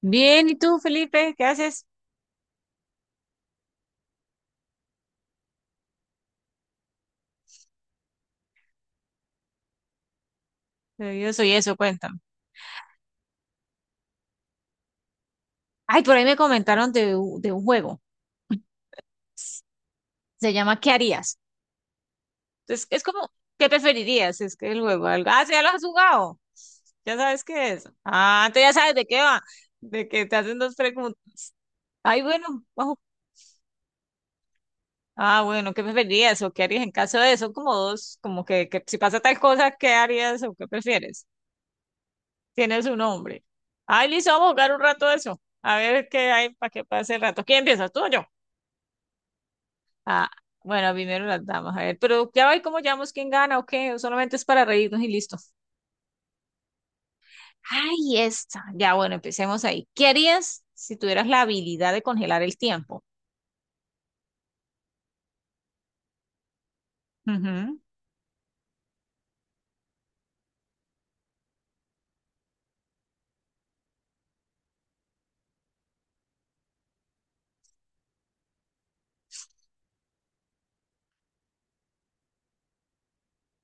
Bien, ¿y tú, Felipe? ¿Qué haces? Yo soy eso, cuéntame. Ay, por ahí me comentaron de un juego. Se llama ¿Qué harías? Entonces, es como, ¿qué preferirías? Es que el juego, algo. Ah, sí, ya lo has jugado. Ya sabes qué es. Ah, entonces ya sabes de qué va. De que te hacen dos preguntas. Ay, bueno, ojo. Ah, bueno, ¿qué preferirías o qué harías en caso de eso? Como dos, como que si pasa tal cosa, ¿qué harías o qué prefieres? Tiene su nombre. Ay, listo, vamos a jugar un rato eso. A ver qué hay para que pase el rato. ¿Quién empieza? ¿Tú o yo? Ah, bueno, primero las damas, a ver, pero ya va y cómo llamamos quién gana o qué, o solamente es para reírnos y listo. Ay, esta. Ya, bueno, empecemos ahí. ¿Qué harías si tuvieras la habilidad de congelar el tiempo? Ujú.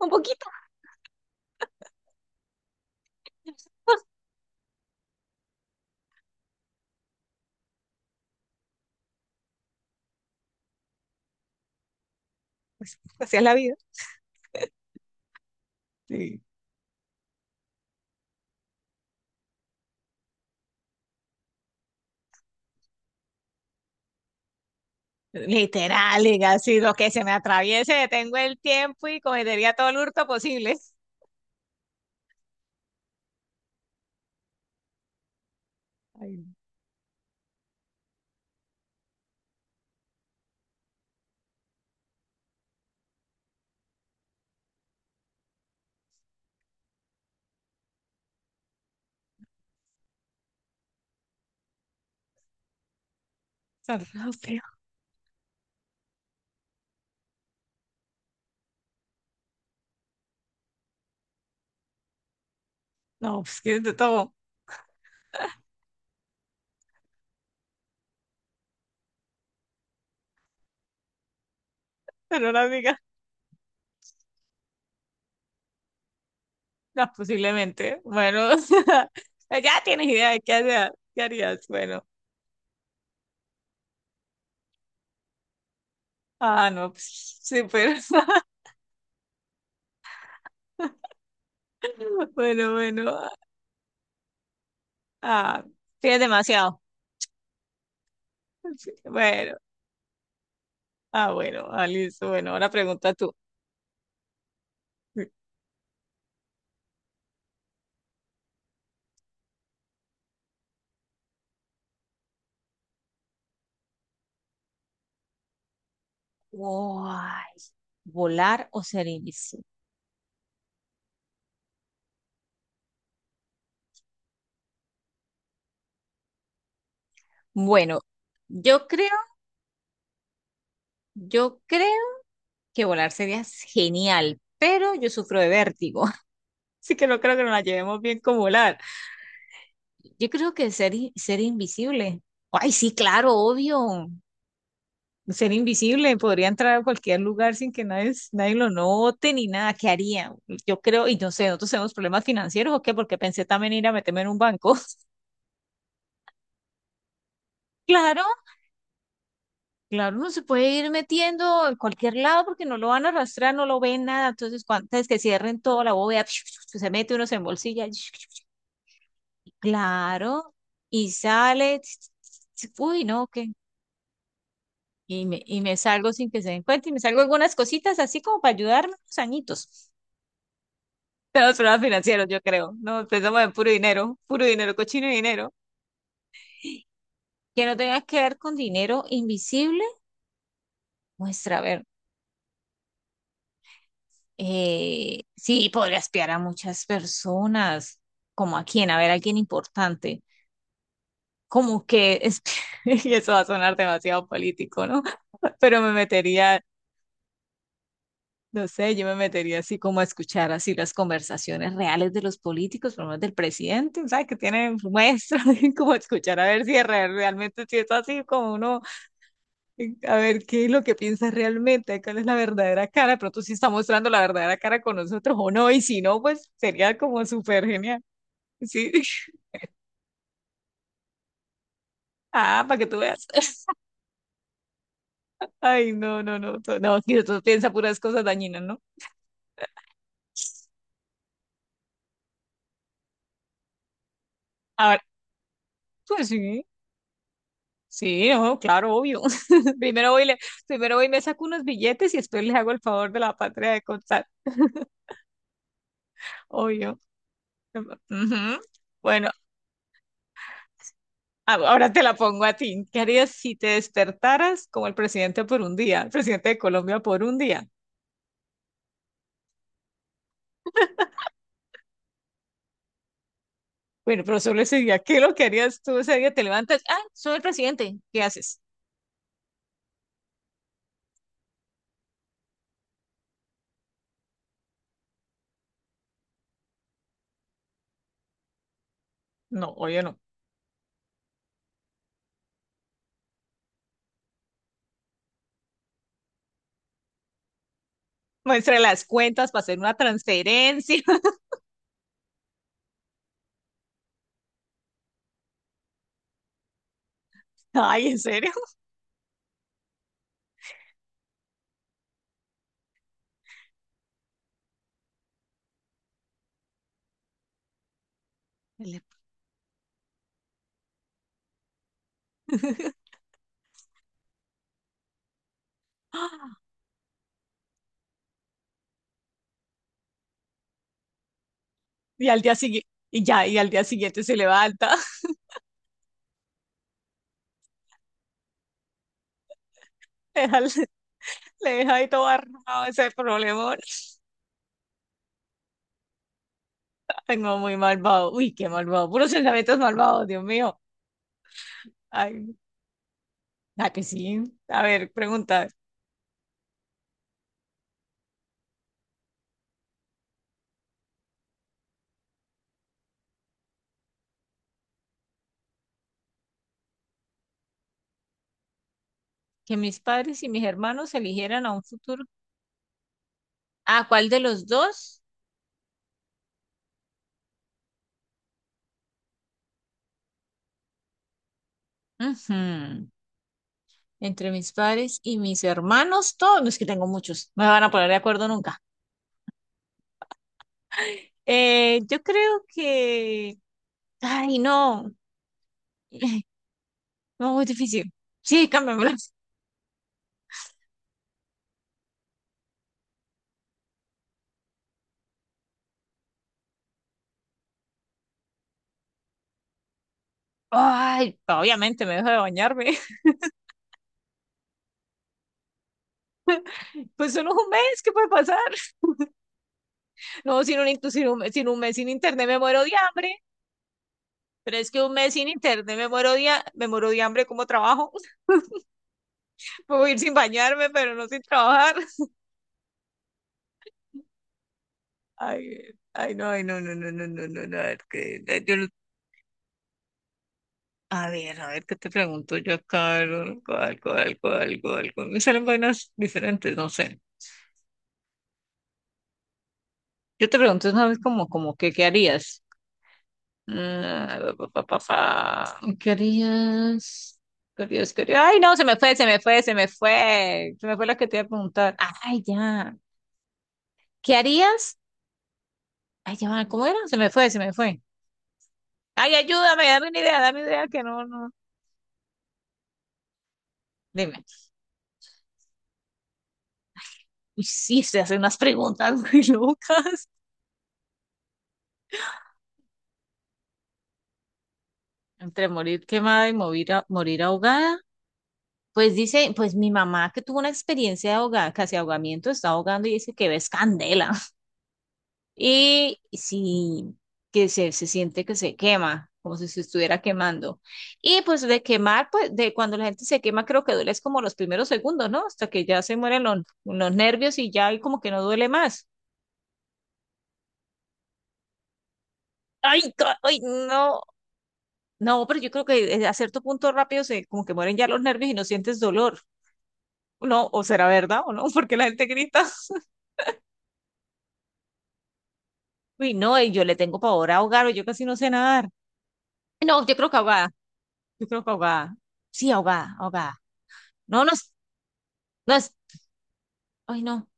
Un poquito, así es la vida. Sí. Literal, diga, si lo que se me atraviese, detengo el tiempo y cometería todo el hurto posible. Ay, tan rápido. No, pues que de todo, pero la diga, no, posiblemente. Bueno, ya tienes idea de qué hacer, qué harías, bueno. Ah, no, pues, sí, pero bueno, bueno. Ah, sí, es demasiado. Bueno, ah, bueno, ah, listo. Bueno, ahora pregunta tú. Guay, ¿volar o ser invisible? Bueno, yo creo, yo creo que volar sería genial, pero yo sufro de vértigo. Así que no creo que nos la llevemos bien con volar. Yo creo que ser invisible. Ay, sí, claro, obvio. Ser invisible, podría entrar a cualquier lugar sin que nadie, nadie lo note ni nada. ¿Qué haría? Yo creo, y no sé, nosotros tenemos problemas financieros o qué, porque pensé también ir a meterme en un banco. Claro, claro, uno se puede ir metiendo en cualquier lado porque no lo van a arrastrar, no lo ven nada. Entonces, antes que cierren toda la bóveda, se mete uno, se embolsilla. Claro, y sale. Uy, no, qué. Y me salgo sin que se den cuenta y me salgo algunas cositas así como para ayudarme unos añitos. Todos problemas financieros, yo creo. No, pensamos en puro dinero, cochino dinero. Que no tengas que ver con dinero invisible. Muestra, a ver. Sí, podría espiar a muchas personas. ¿Como a quién? A ver, a alguien importante. Como que, y eso va a sonar demasiado político, ¿no? Pero me metería, no sé, yo me metería así como a escuchar así las conversaciones reales de los políticos, por lo menos del presidente, ¿sabes? Que tienen muestras, como escuchar a ver si es realmente si es así como uno a ver, ¿qué es lo que piensas realmente? ¿Cuál es la verdadera cara? Pero tú sí está mostrando la verdadera cara con nosotros o no, y si no, pues sería como súper genial. Sí. Ah, para que tú veas. Ay, no, no, no. No, mira, tú piensas puras cosas dañinas, ¿no? A ver, pues sí. Sí, no, claro, obvio. Primero voy, y le, primero voy y me saco unos billetes y después les hago el favor de la patria de contar. Obvio. Ujú. Bueno. Ah, ahora te la pongo a ti. ¿Qué harías si te despertaras como el presidente por un día, el presidente de Colombia por un día? Bueno, pero solo ese día, ¿qué es lo que harías tú ese día? Te levantas, ah, soy el presidente, ¿qué haces? No, oye, no. Muestra las cuentas para hacer una transferencia. Ay, ¿en serio? Ele- Y al día siguiente, y ya, y al día siguiente se levanta, deja- le deja ahí todo armado ese problemón. Ay, no, muy malvado. Uy, qué malvado. Puros pensamientos malvados, Dios mío. Ay. Ah, que sí. A ver, pregunta. Que mis padres y mis hermanos eligieran a un futuro. ¿A cuál de los dos? Ujú. Entre mis padres y mis hermanos, todos, no es que tengo muchos, no me van a poner de acuerdo nunca. Yo creo que. Ay, no. No, muy difícil. Sí, cámbiamela. Ay, obviamente me dejo de bañarme. Pues solo es un mes, ¿qué puede pasar? No, sin un mes sin internet me muero de hambre. Pero es que un mes sin internet me muero me muero de hambre, ¿cómo trabajo? Puedo ir sin bañarme, pero no sin trabajar. Ay, ay, no, no, no, no, no, no, no, a ver, que, yo no- a ver, ¿qué te pregunto yo acá? Algo. Me salen vainas diferentes, no sé. Yo te pregunto una vez como, como que, ¿qué harías? Ah, pa, pa, pa, pa. ¿Qué harías? ¿Qué harías? ¿Qué harías? Ay, no, se me fue, se me fue, se me fue. Se me fue la que te iba a preguntar. Ay, ya. ¿Qué harías? Ay, ya, va, ¿cómo era? Se me fue, se me fue. Ay, ayúdame, dame una idea que no, no. Dime, uy, sí se hacer unas preguntas muy locas. Entre morir quemada y morir ahogada. Pues dice, pues mi mamá que tuvo una experiencia de ahogada, casi ahogamiento, está ahogando y dice que ves candela. Y sí, que se siente que se quema, como si se estuviera quemando. Y pues de quemar, pues de cuando la gente se quema, creo que duele es como los primeros segundos, ¿no? Hasta que ya se mueren los nervios y ya y como que no duele más. Ay, ay, no. No, pero yo creo que a cierto punto rápido se como que mueren ya los nervios y no sientes dolor. No, o será verdad o no, porque la gente grita. Uy, no, y yo le tengo pavor a ahogar o yo casi no sé nadar. No, yo creo que ahogada. Yo creo que ahogada. Sí, ahogada, ahogada. No, no es. Ay, no,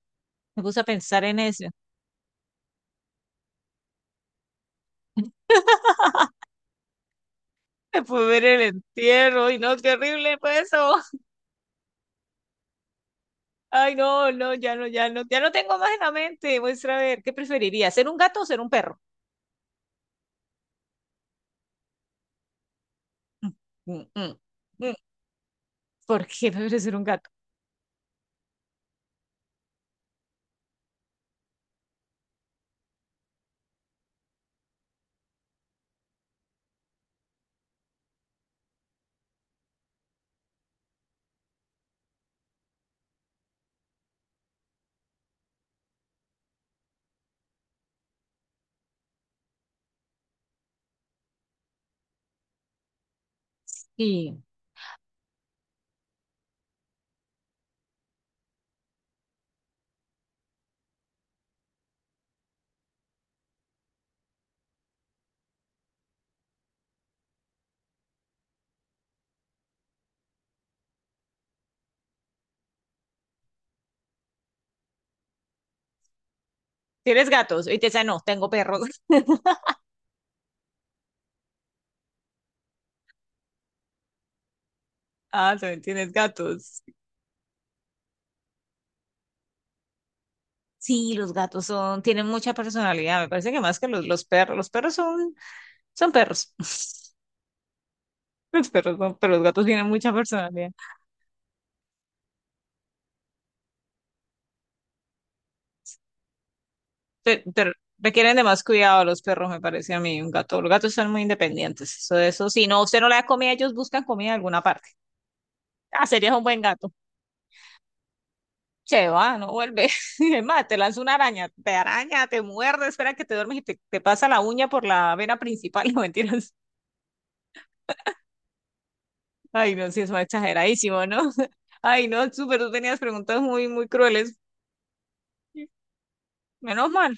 me puse a pensar en eso. Me pude ver el entierro y no, qué horrible fue eso. Ay, no, no, ya no, ya no, ya no tengo más en la mente. Muestra a ver, ¿qué preferiría? ¿Ser un gato o ser un perro? Mm, mm, mm, mm. ¿Por qué prefiero ser un gato? Sí. ¿Tienes gatos? Y te dice, no, tengo perros. Ah, también tienes gatos. Sí, los gatos son, tienen mucha personalidad. Me parece que más que los perros son, son perros. Los perros son, pero los gatos tienen mucha personalidad. Pero requieren de más cuidado los perros, me parece a mí. Un gato, los gatos son muy independientes. Eso, si no, usted no le da comida, ellos buscan comida en alguna parte. Ah, serías un buen gato. Se va, no vuelve. Es más, te lanza una araña, te muerde, espera que te duermes y te pasa la uña por la vena principal. No mentiras. Ay, no, sí, eso es exageradísimo, ¿no? Ay, no, súper, tú tenías preguntas muy, muy crueles. Menos mal.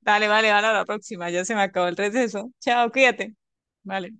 Dale, vale, vale, a la próxima. Ya se me acabó el receso. Chao, cuídate. Vale.